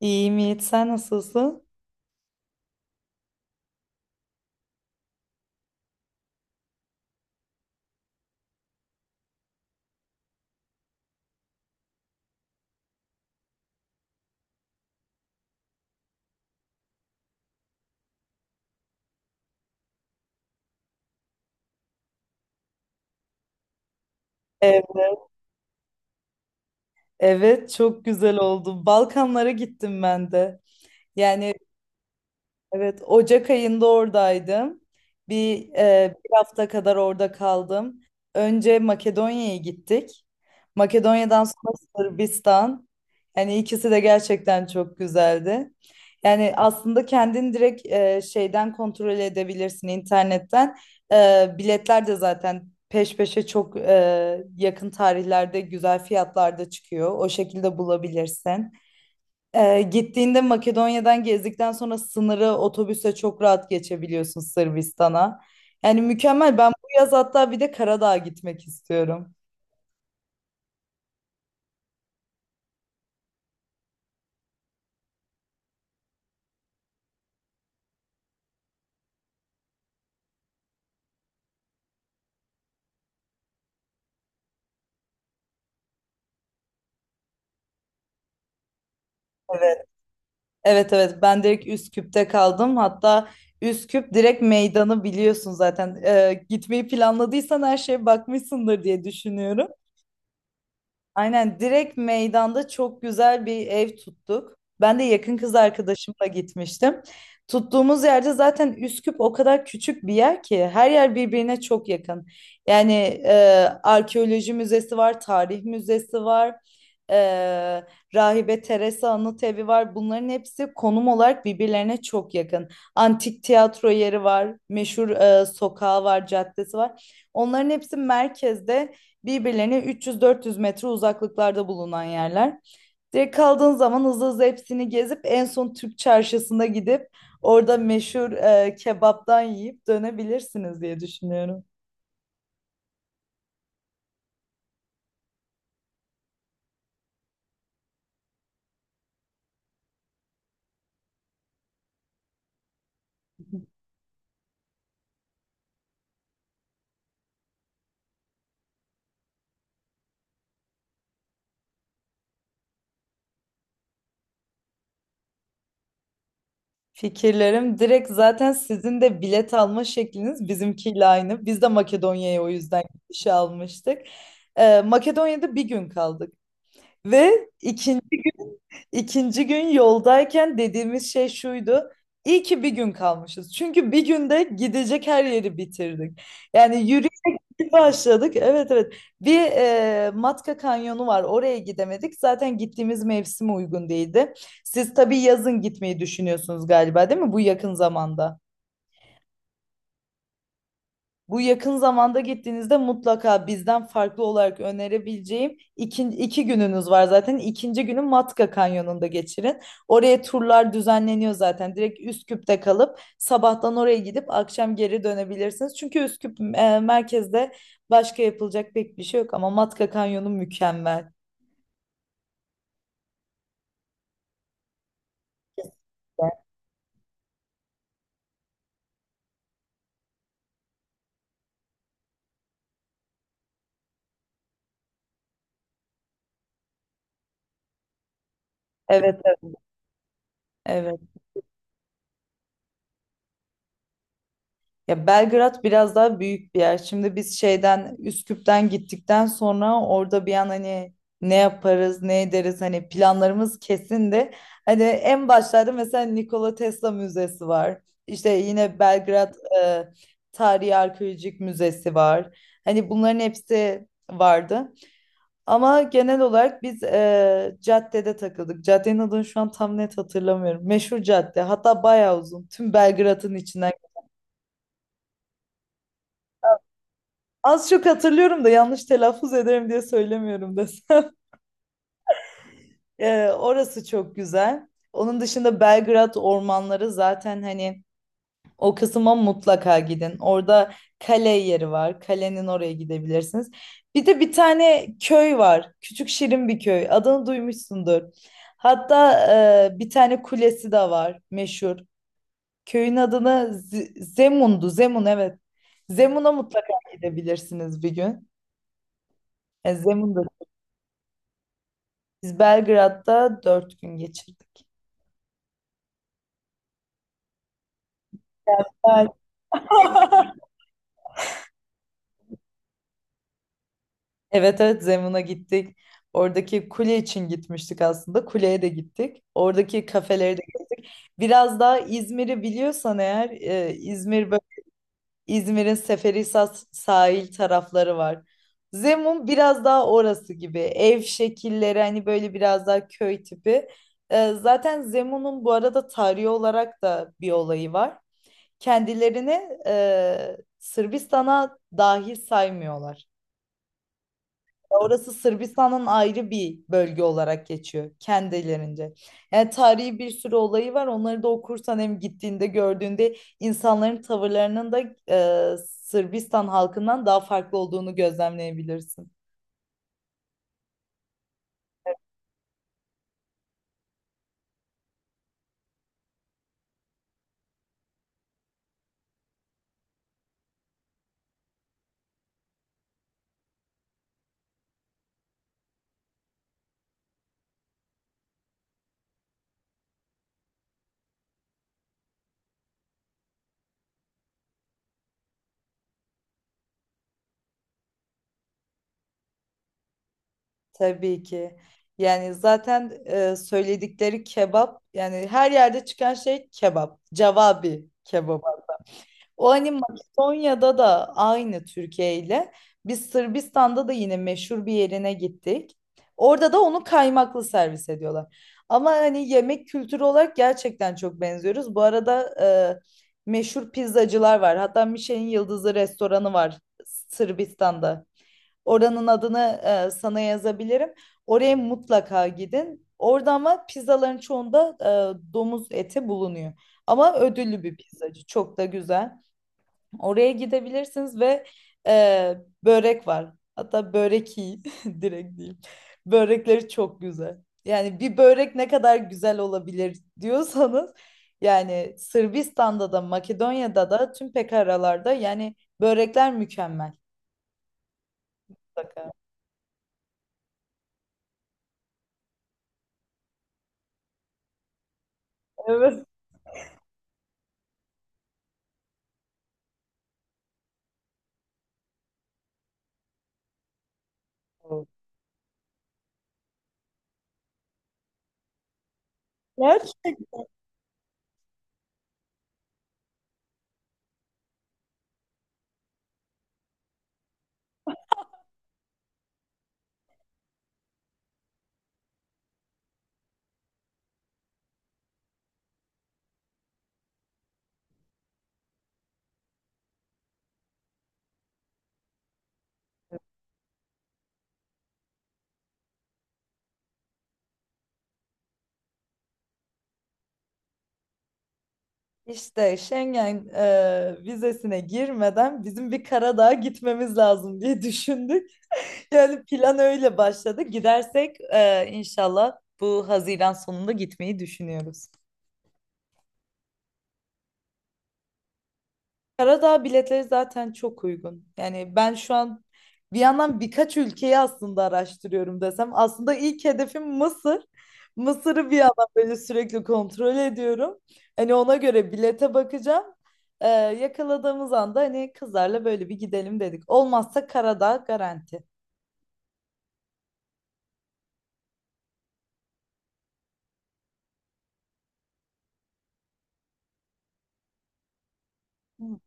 İyiyim Yiğit, sen nasılsın? Evet, evet çok güzel oldu. Balkanlara gittim ben de. Yani Evet, Ocak ayında oradaydım. Bir hafta kadar orada kaldım. Önce Makedonya'ya gittik. Makedonya'dan sonra Sırbistan. Yani ikisi de gerçekten çok güzeldi. Yani aslında kendin direkt şeyden kontrol edebilirsin internetten. Biletler de zaten peş peşe çok yakın tarihlerde güzel fiyatlarda çıkıyor. O şekilde bulabilirsin. Gittiğinde Makedonya'dan gezdikten sonra sınırı otobüse çok rahat geçebiliyorsun Sırbistan'a. Yani mükemmel. Ben bu yaz hatta bir de Karadağ'a gitmek istiyorum. Evet. Evet, evet, ben direkt Üsküp'te kaldım. Hatta Üsküp direkt meydanı biliyorsun zaten. Gitmeyi planladıysan her şeye bakmışsındır diye düşünüyorum. Aynen direkt meydanda çok güzel bir ev tuttuk. Ben de yakın kız arkadaşımla gitmiştim. Tuttuğumuz yerde zaten Üsküp o kadar küçük bir yer ki her yer birbirine çok yakın. Yani e, arkeoloji müzesi var, tarih müzesi var, e, Rahibe Teresa Anıt Evi var. Bunların hepsi konum olarak birbirlerine çok yakın. Antik tiyatro yeri var, meşhur sokağı var, caddesi var. Onların hepsi merkezde birbirlerine 300-400 metre uzaklıklarda bulunan yerler. Direkt kaldığın zaman hızlı hızlı hepsini gezip en son Türk çarşısına gidip orada meşhur kebaptan yiyip dönebilirsiniz diye düşünüyorum. Fikirlerim direkt zaten sizin de bilet alma şekliniz bizimkiyle aynı. Biz de Makedonya'ya o yüzden gidiş almıştık. Makedonya'da bir gün kaldık. Ve ikinci gün ikinci gün yoldayken dediğimiz şey şuydu. İyi ki bir gün kalmışız. Çünkü bir günde gidecek her yeri bitirdik. Yani yürüyüşe başladık. Evet, evet. Bir Matka Kanyonu var. Oraya gidemedik. Zaten gittiğimiz mevsim uygun değildi. Siz tabii yazın gitmeyi düşünüyorsunuz galiba, değil mi? Bu yakın zamanda. Bu yakın zamanda gittiğinizde mutlaka bizden farklı olarak önerebileceğim iki gününüz var zaten. İkinci günü Matka Kanyonu'nda geçirin. Oraya turlar düzenleniyor zaten. Direkt Üsküp'te kalıp sabahtan oraya gidip akşam geri dönebilirsiniz. Çünkü Üsküp merkezde başka yapılacak pek bir şey yok ama Matka Kanyonu mükemmel. Evet, evet. Evet. Ya Belgrad biraz daha büyük bir yer. Şimdi biz Üsküp'ten gittikten sonra orada bir an hani ne yaparız, ne ederiz hani planlarımız kesin de hani en başlarda mesela Nikola Tesla Müzesi var. İşte yine Belgrad e, Tarihi Arkeolojik Müzesi var. Hani bunların hepsi vardı. Ama genel olarak biz caddede takıldık. Caddenin adını şu an tam net hatırlamıyorum. Meşhur cadde. Hatta bayağı uzun. Tüm Belgrad'ın içinden. Az çok hatırlıyorum da yanlış telaffuz ederim diye söylemiyorum desem. Orası çok güzel. Onun dışında Belgrad ormanları zaten hani o kısma mutlaka gidin. Orada kale yeri var. Kalenin oraya gidebilirsiniz. Bir de bir tane köy var. Küçük şirin bir köy. Adını duymuşsundur. Hatta bir tane kulesi de var meşhur. Köyün adını Zemun'du. Zemun evet. Zemun'a mutlaka gidebilirsiniz bir gün. E, Zemun Biz Belgrad'da dört gün geçirdik. Güzel. Evet, evet, Zemun'a gittik. Oradaki kule için gitmiştik aslında. Kuleye de gittik. Oradaki kafeleri de gittik. Biraz daha İzmir'i biliyorsan eğer İzmir böyle İzmir'in Seferihisar sahil tarafları var. Zemun biraz daha orası gibi. Ev şekilleri hani böyle biraz daha köy tipi. Zaten Zemun'un bu arada tarihi olarak da bir olayı var. Kendilerini Sırbistan'a dahil saymıyorlar. Orası Sırbistan'ın ayrı bir bölge olarak geçiyor kendilerince. Yani tarihi bir sürü olayı var. Onları da okursan hem gittiğinde gördüğünde insanların tavırlarının da Sırbistan halkından daha farklı olduğunu gözlemleyebilirsin. Tabii ki. Yani zaten söyledikleri kebap yani her yerde çıkan şey kebap. Cevabi kebap. O hani Makedonya'da da aynı Türkiye ile. Biz Sırbistan'da da yine meşhur bir yerine gittik. Orada da onu kaymaklı servis ediyorlar. Ama hani yemek kültürü olarak gerçekten çok benziyoruz. Bu arada meşhur pizzacılar var. Hatta Michelin yıldızlı restoranı var Sırbistan'da. Oranın adını sana yazabilirim. Oraya mutlaka gidin. Orada ama pizzaların çoğunda domuz eti bulunuyor. Ama ödüllü bir pizzacı. Çok da güzel. Oraya gidebilirsiniz ve e, börek var. Hatta börek iyi direkt diyeyim. Börekleri çok güzel. Yani bir börek ne kadar güzel olabilir diyorsanız yani Sırbistan'da da Makedonya'da da tüm pekaralarda yani börekler mükemmel. Mutlaka. Evet. Yer. İşte Schengen vizesine girmeden bizim bir Karadağ'a gitmemiz lazım diye düşündük. Yani plan öyle başladı. Gidersek inşallah bu Haziran sonunda gitmeyi düşünüyoruz. Karadağ biletleri zaten çok uygun. Yani ben şu an bir yandan birkaç ülkeyi aslında araştırıyorum desem. Aslında ilk hedefim Mısır. Mısır'ı bir yandan böyle sürekli kontrol ediyorum. Hani ona göre bilete bakacağım. Yakaladığımız anda hani kızlarla böyle bir gidelim dedik. Olmazsa Karadağ garanti. Hı,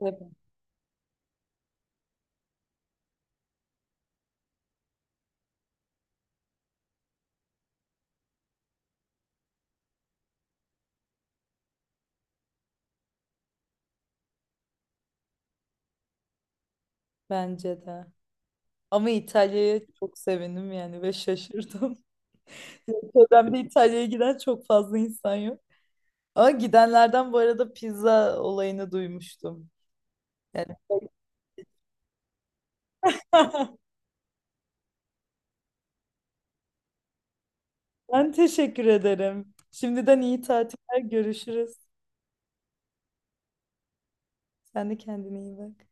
tabii. Bence de. Ama İtalya'ya çok sevindim yani ve şaşırdım. Çevremde İtalya'ya giden çok fazla insan yok. Ama gidenlerden bu arada pizza olayını duymuştum. Yani ben teşekkür ederim. Şimdiden iyi tatiller görüşürüz. Sen de kendine iyi bak.